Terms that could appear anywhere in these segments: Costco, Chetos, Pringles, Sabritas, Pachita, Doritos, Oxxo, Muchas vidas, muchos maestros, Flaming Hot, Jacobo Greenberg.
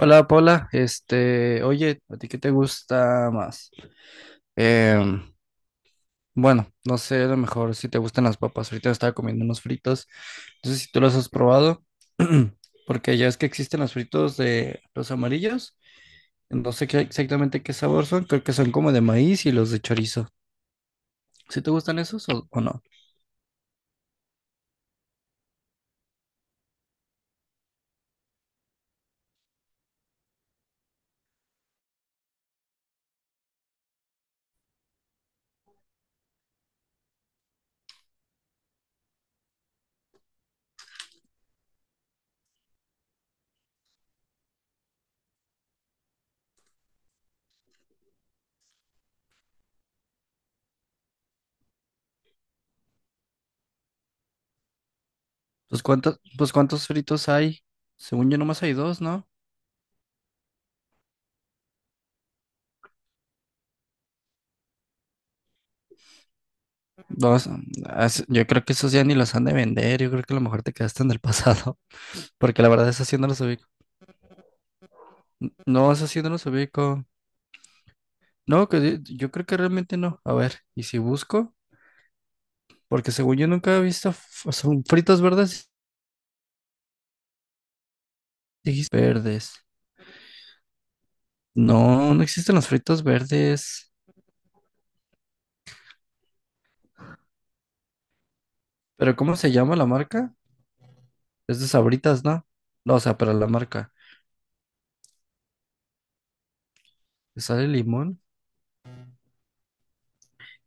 Hola Paula, oye, ¿a ti qué te gusta más? Em, bueno, no sé, a lo mejor si te gustan las papas, ahorita estaba comiendo unos fritos, no sé si tú los has probado, porque ya es que existen los fritos de los amarillos, no sé qué- exactamente qué sabor son, creo que son como de maíz y los de chorizo. ¿Si te gustan esos o no? Pues cuántos fritos hay, según yo nomás hay dos, ¿no? Dos, yo creo que esos ya ni los han de vender, yo creo que a lo mejor te quedaste en el pasado. Porque la verdad, esa sí no los ubico. No, esa sí no los ubico. No, yo creo que realmente no. A ver, ¿y si busco? Porque según yo nunca he visto, o sea, fritos verdes. Dijiste verdes. No, no existen los fritos verdes. ¿Pero cómo se llama la marca? Es de Sabritas, ¿no? No, o sea, pero la marca. ¿Le ¿Sale limón?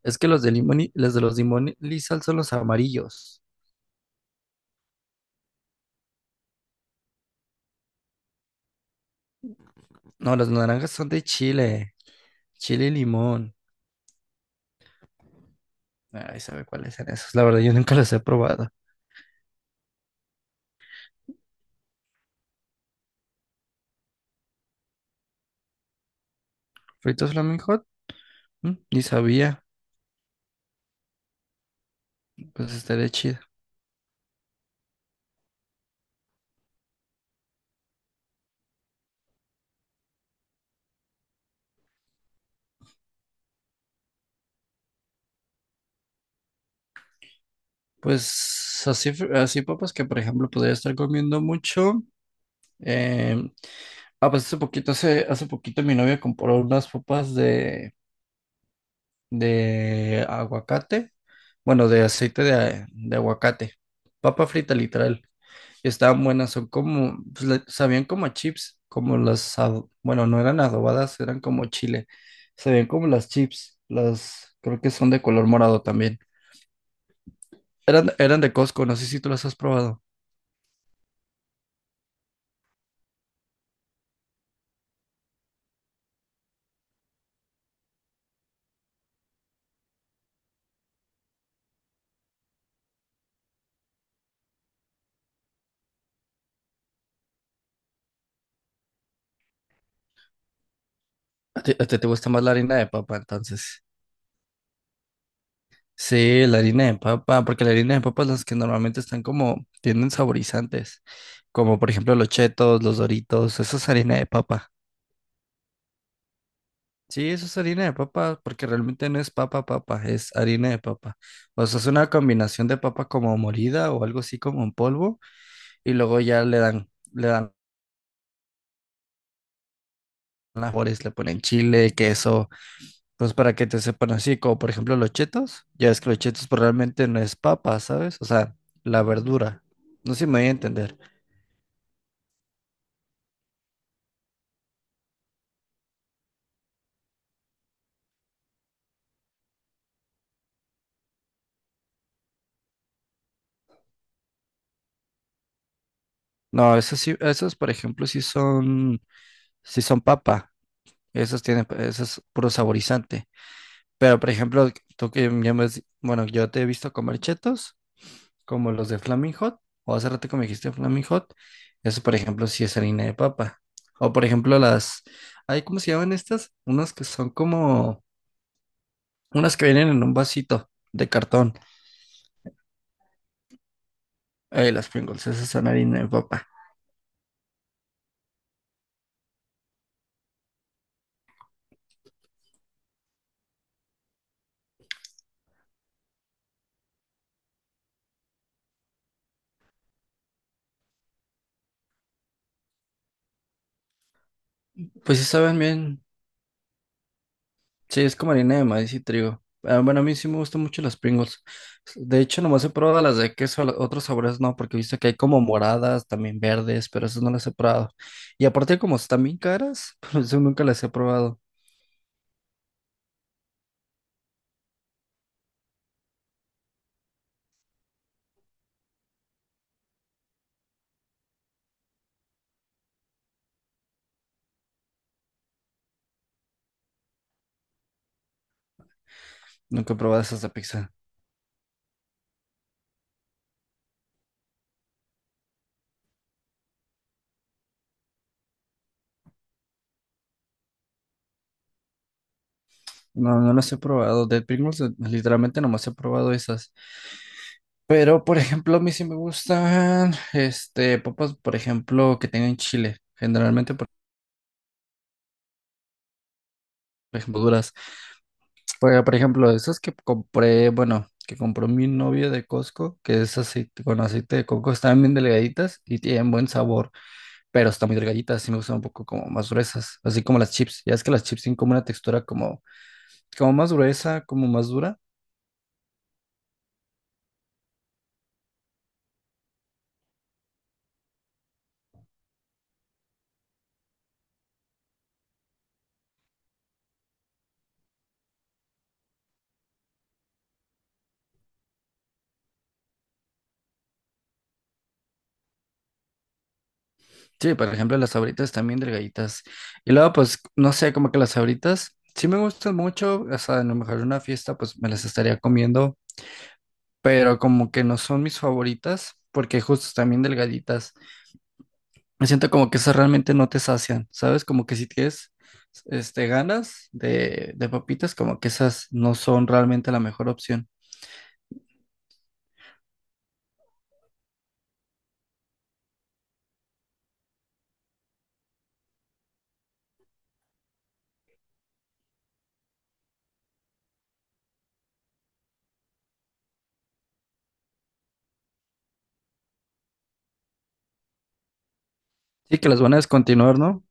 Es que los de limón y los limón y sal son los amarillos. No, los naranjas son de Chile. Chile y limón. Ay, sabe cuáles son esos. La verdad, yo nunca los he probado. ¿Fritos Flaming Hot? Mm, ni sabía, pues estaría chido. Pues así, así papas que por ejemplo podría estar comiendo mucho. eh, ah, pues hace poquito, hace poquito mi novia compró unas papas de aguacate, bueno, de aceite de aguacate, papa frita literal. Y estaban buenas, son como, pues, sabían como a chips, como las, bueno, no eran adobadas, eran como chile, sabían como las chips, las, creo que son de color morado también. Eran de Costco, no sé si tú las has probado. A ti te gusta más la harina de papa, entonces. Sí, la harina de papa, porque la harina de papa es las que normalmente están como, tienen saborizantes, como por ejemplo los chetos, los doritos, eso es harina de papa. Sí, eso es harina de papa, porque realmente no es papa papa, es harina de papa. O sea, es una combinación de papa como molida o algo así como en polvo, y luego ya le dan las sabores, le ponen chile, queso. Pues para que te sepan así, como por ejemplo los chetos, ya es que los chetos pues, realmente no es papa, ¿sabes? O sea, la verdura. No sé si me voy a entender. No, esos sí, esos por ejemplo sí son papa. Esos tienen, esos es puro saborizante. Pero por ejemplo, tú que ya me has- bueno, yo te he visto comer chetos, como los de Flaming Hot, o hace rato que me dijiste Flaming Hot, eso por ejemplo sí es harina de papa. O por ejemplo las, ay, ¿cómo se llaman estas? Unas que son como unas que vienen en un vasito de cartón. Las Pringles, esas son harina de papa. Pues sí saben bien. Sí, es como harina de maíz y trigo. Ah, bueno, a mí sí me gustan mucho las Pringles. De hecho, nomás he probado las de queso, otros sabores no, porque he visto que hay como moradas, también verdes, pero esas no las he probado. Y aparte, como están bien caras, por eso nunca las he probado. Nunca he probado esas de pizza. No, no las he probado. De Pringles, literalmente nomás he probado esas. Pero, por ejemplo, a mí sí me gustan, papas, por ejemplo, que tengan chile. Generalmente, por ejemplo, duras. Por ejemplo, esas que compré, bueno, que compró mi novia de Costco, que es aceite, con aceite de coco, están bien delgaditas y tienen buen sabor, pero están muy delgaditas, sí me gustan un poco como más gruesas, así como las chips. Ya es que las chips tienen como una textura como, como más gruesa, como más dura. Sí, por ejemplo, las Sabritas también delgaditas. Y luego, pues, no sé, como que las Sabritas sí me gustan mucho. O sea, a lo mejor en una fiesta, pues me las estaría comiendo, pero como que no son mis favoritas, porque justo también delgaditas. Me siento como que esas realmente no te sacian, ¿sabes? Como que si tienes, ganas de papitas, como que esas no son realmente la mejor opción. Sí, que las van a descontinuar, ¿no?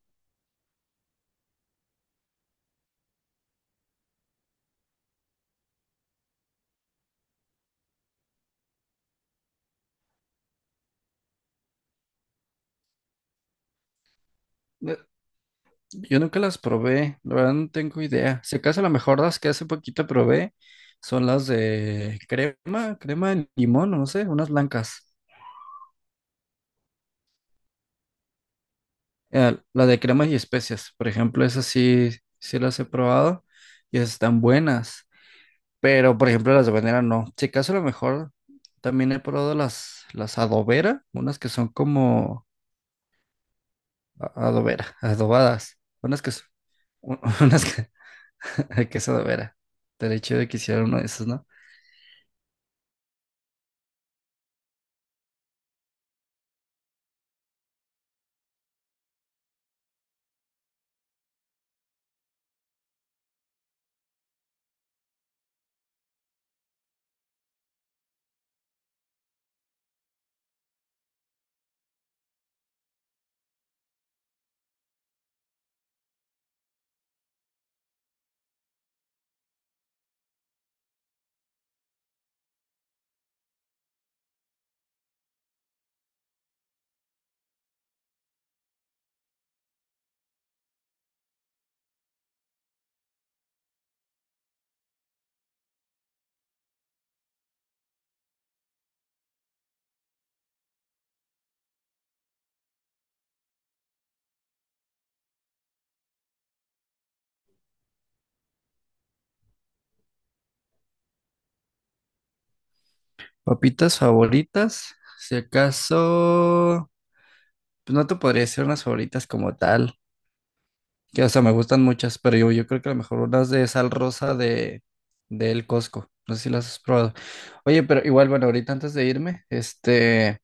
Yo nunca las probé, la verdad no tengo idea. Si acaso a lo mejor las que hace poquito probé son las de crema, crema de limón, o no sé, unas blancas. La de cremas y especias, por ejemplo, esas sí, sí las he probado y esas están buenas. Pero, por ejemplo, las de banera no. Si acaso a lo mejor también he probado las adobera, unas que son como adobera, adobadas, unas que son, unas que, que es adobera. Estaría chido que hiciera uno de esos, ¿no? Papitas favoritas, si acaso, pues no te podría decir unas favoritas como tal, que o sea, me gustan muchas, pero yo creo que a lo mejor unas de sal rosa de El Costco, no sé si las has probado. Oye, pero igual, bueno, ahorita antes de irme,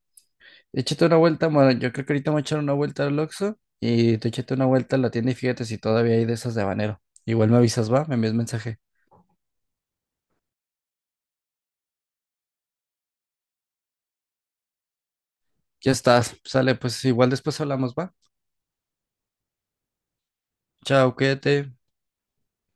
échate una vuelta, bueno, yo creo que ahorita me voy a echar una vuelta al Oxxo y tú échate una vuelta a la tienda y fíjate si todavía hay de esas de habanero. Igual me avisas, va, me envías mensaje. Ya estás, sale, pues igual después hablamos, va. Chao, cuídate.